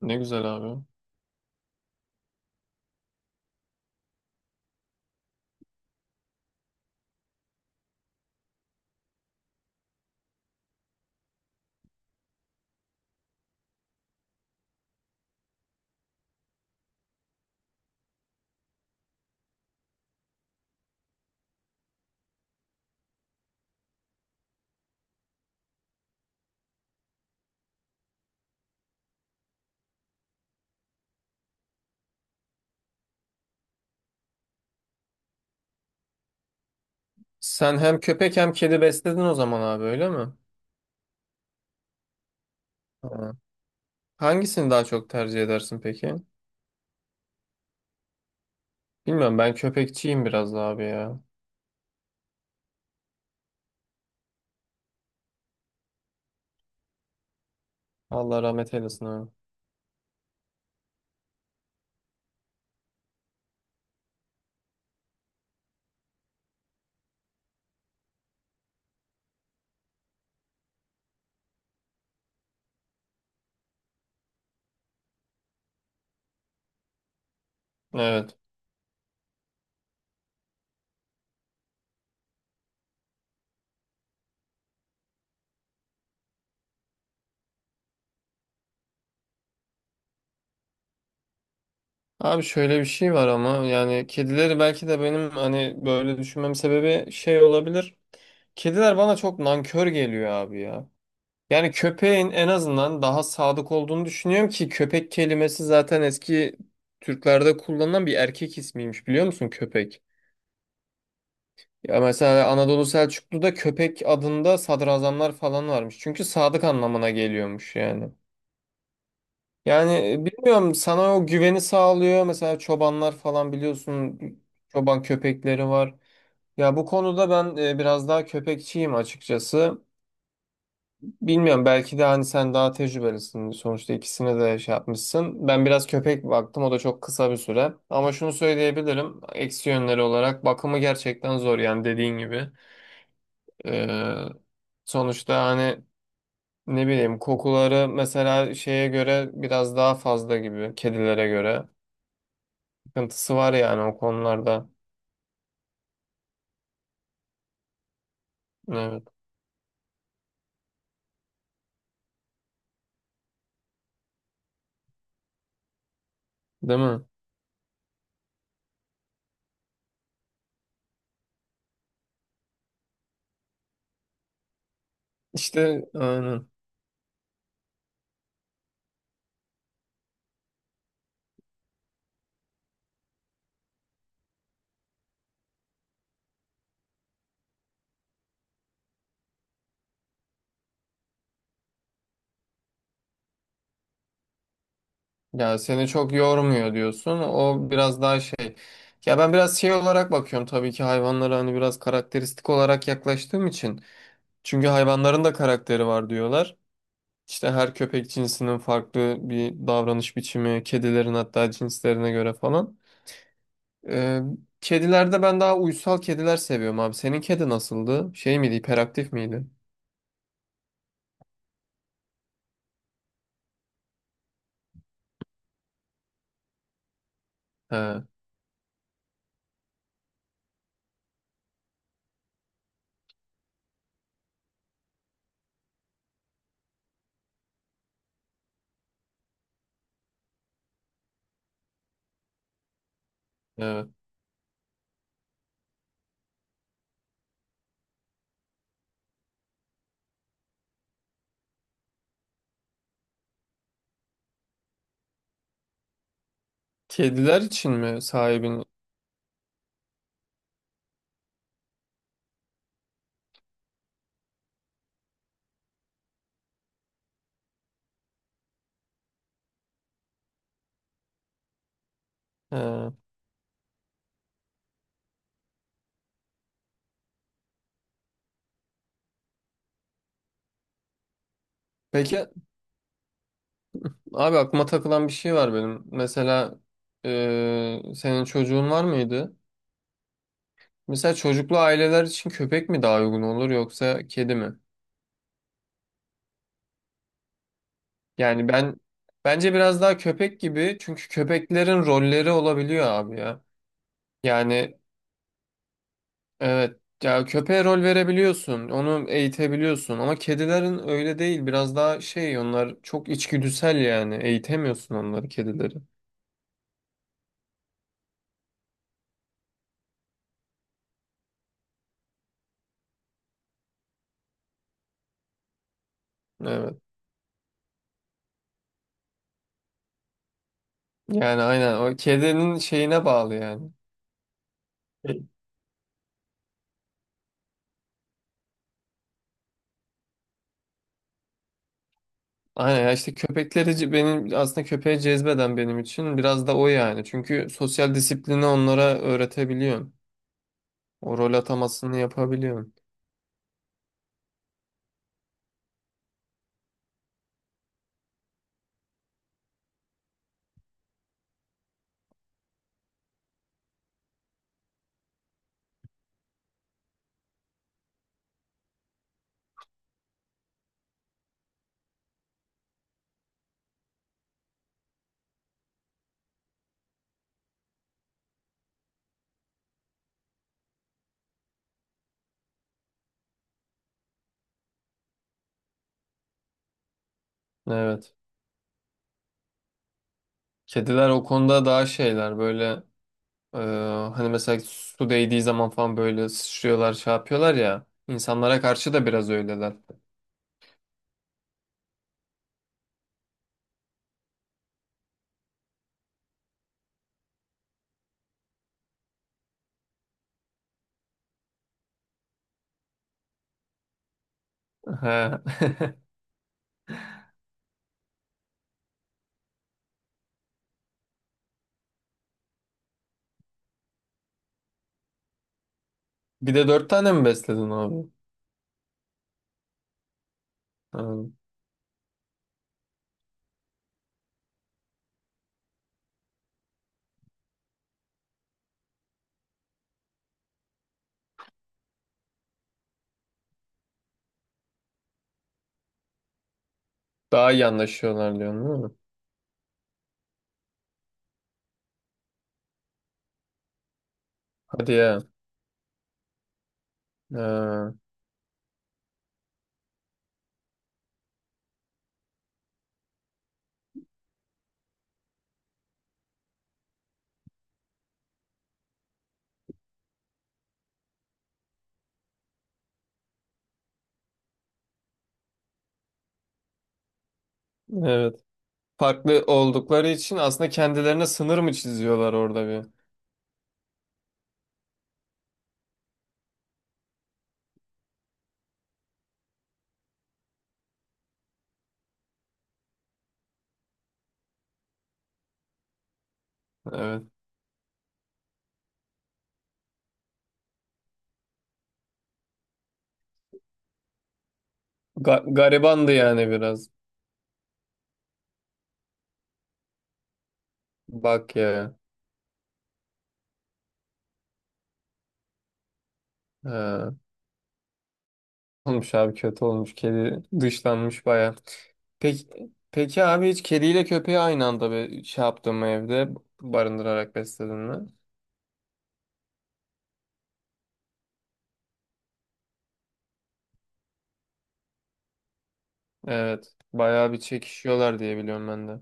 Ne güzel abi. Sen hem köpek hem kedi besledin o zaman abi, öyle mi? Ha. Hangisini daha çok tercih edersin peki? Bilmiyorum, ben köpekçiyim biraz da abi ya. Allah rahmet eylesin abi. Evet. Abi şöyle bir şey var ama, yani kedileri, belki de benim hani böyle düşünmem sebebi şey olabilir. Kediler bana çok nankör geliyor abi ya. Yani köpeğin en azından daha sadık olduğunu düşünüyorum ki köpek kelimesi zaten eski Türklerde kullanılan bir erkek ismiymiş, biliyor musun köpek? Ya mesela Anadolu Selçuklu'da köpek adında sadrazamlar falan varmış. Çünkü sadık anlamına geliyormuş yani. Yani bilmiyorum, sana o güveni sağlıyor. Mesela çobanlar falan biliyorsun, çoban köpekleri var. Ya bu konuda ben biraz daha köpekçiyim açıkçası. Bilmiyorum, belki de hani sen daha tecrübelisin. Sonuçta ikisine de şey yapmışsın. Ben biraz köpek baktım, o da çok kısa bir süre. Ama şunu söyleyebilirim. Eksi yönleri olarak bakımı gerçekten zor, yani dediğin gibi. Ee, Sonuçta hani ne bileyim, kokuları mesela şeye göre biraz daha fazla gibi, kedilere göre. Sıkıntısı var yani o konularda. Evet. Değil mi? İşte aynen. Ya seni çok yormuyor diyorsun. O biraz daha şey. Ya ben biraz şey olarak bakıyorum tabii ki hayvanlara, hani biraz karakteristik olarak yaklaştığım için. Çünkü hayvanların da karakteri var diyorlar. İşte her köpek cinsinin farklı bir davranış biçimi, kedilerin hatta cinslerine göre falan. Ee, Kedilerde ben daha uysal kediler seviyorum abi. Senin kedi nasıldı? Şey miydi, hiperaktif miydi? He, evet. Kediler için mi sahibin? He. Peki abi, aklıma takılan bir şey var benim. Mesela senin çocuğun var mıydı? Mesela çocuklu aileler için köpek mi daha uygun olur, yoksa kedi mi? Yani ben, bence biraz daha köpek gibi, çünkü köpeklerin rolleri olabiliyor abi ya. Yani. Evet. Ya köpeğe rol verebiliyorsun, onu eğitebiliyorsun ama kedilerin öyle değil. Biraz daha şey, onlar çok içgüdüsel yani. Eğitemiyorsun onları, kedileri. Evet. Yani aynen, o kedinin şeyine bağlı yani. Aynen ya, işte köpekleri ce- benim aslında köpeğe cezbeden benim için biraz da o yani. Çünkü sosyal disiplini onlara öğretebiliyorsun. O rol atamasını yapabiliyorsun. Evet. Kediler o konuda daha şeyler böyle. Ee, Hani mesela su değdiği zaman falan böyle sıçrıyorlar, şey yapıyorlar ya. İnsanlara karşı da biraz öyleler. He. Bir de dört tane mi besledin abi? Ha. Daha iyi anlaşıyorlar diyorsun değil mi? Hadi ya. Ha. Evet. Farklı oldukları için aslında kendilerine sınır mı çiziyorlar orada bir? Evet. Ga- garibandı yani biraz. Bak ya. Ha. Olmuş abi, kötü olmuş. Kedi dışlanmış baya. Peki, peki abi, hiç kediyle köpeği aynı anda be, şey yaptın mı evde, barındırarak besledin mi? Evet. Bayağı bir çekişiyorlar diye biliyorum ben de.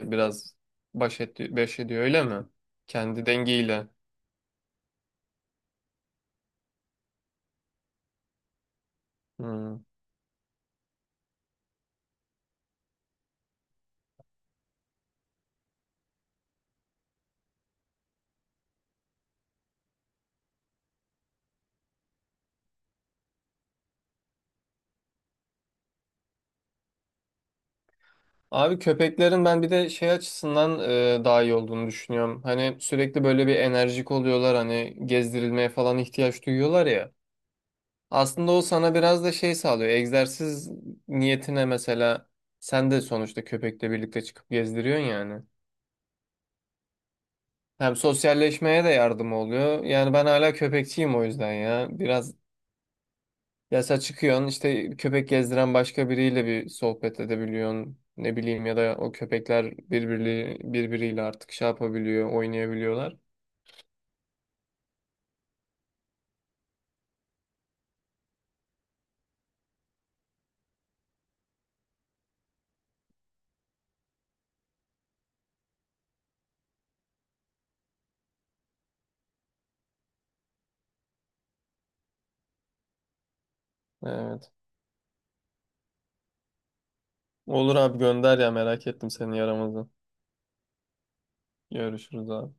Biraz baş, etti- baş ediyor öyle mi? Kendi dengiyle. Hmm. Abi köpeklerin ben bir de şey açısından daha iyi olduğunu düşünüyorum. Hani sürekli böyle bir enerjik oluyorlar, hani gezdirilmeye falan ihtiyaç duyuyorlar ya. Aslında o sana biraz da şey sağlıyor. Egzersiz niyetine mesela sen de sonuçta köpekle birlikte çıkıp gezdiriyorsun yani. Hem sosyalleşmeye de yardım oluyor. Yani ben hala köpekçiyim o yüzden ya. Biraz yasa çıkıyorsun, işte köpek gezdiren başka biriyle bir sohbet edebiliyorsun. Ne bileyim, ya da o köpekler birbiri, birbiriyle artık şey yapabiliyor, oynayabiliyorlar. Evet. Olur abi, gönder ya, merak ettim senin yaramazı. Görüşürüz abi.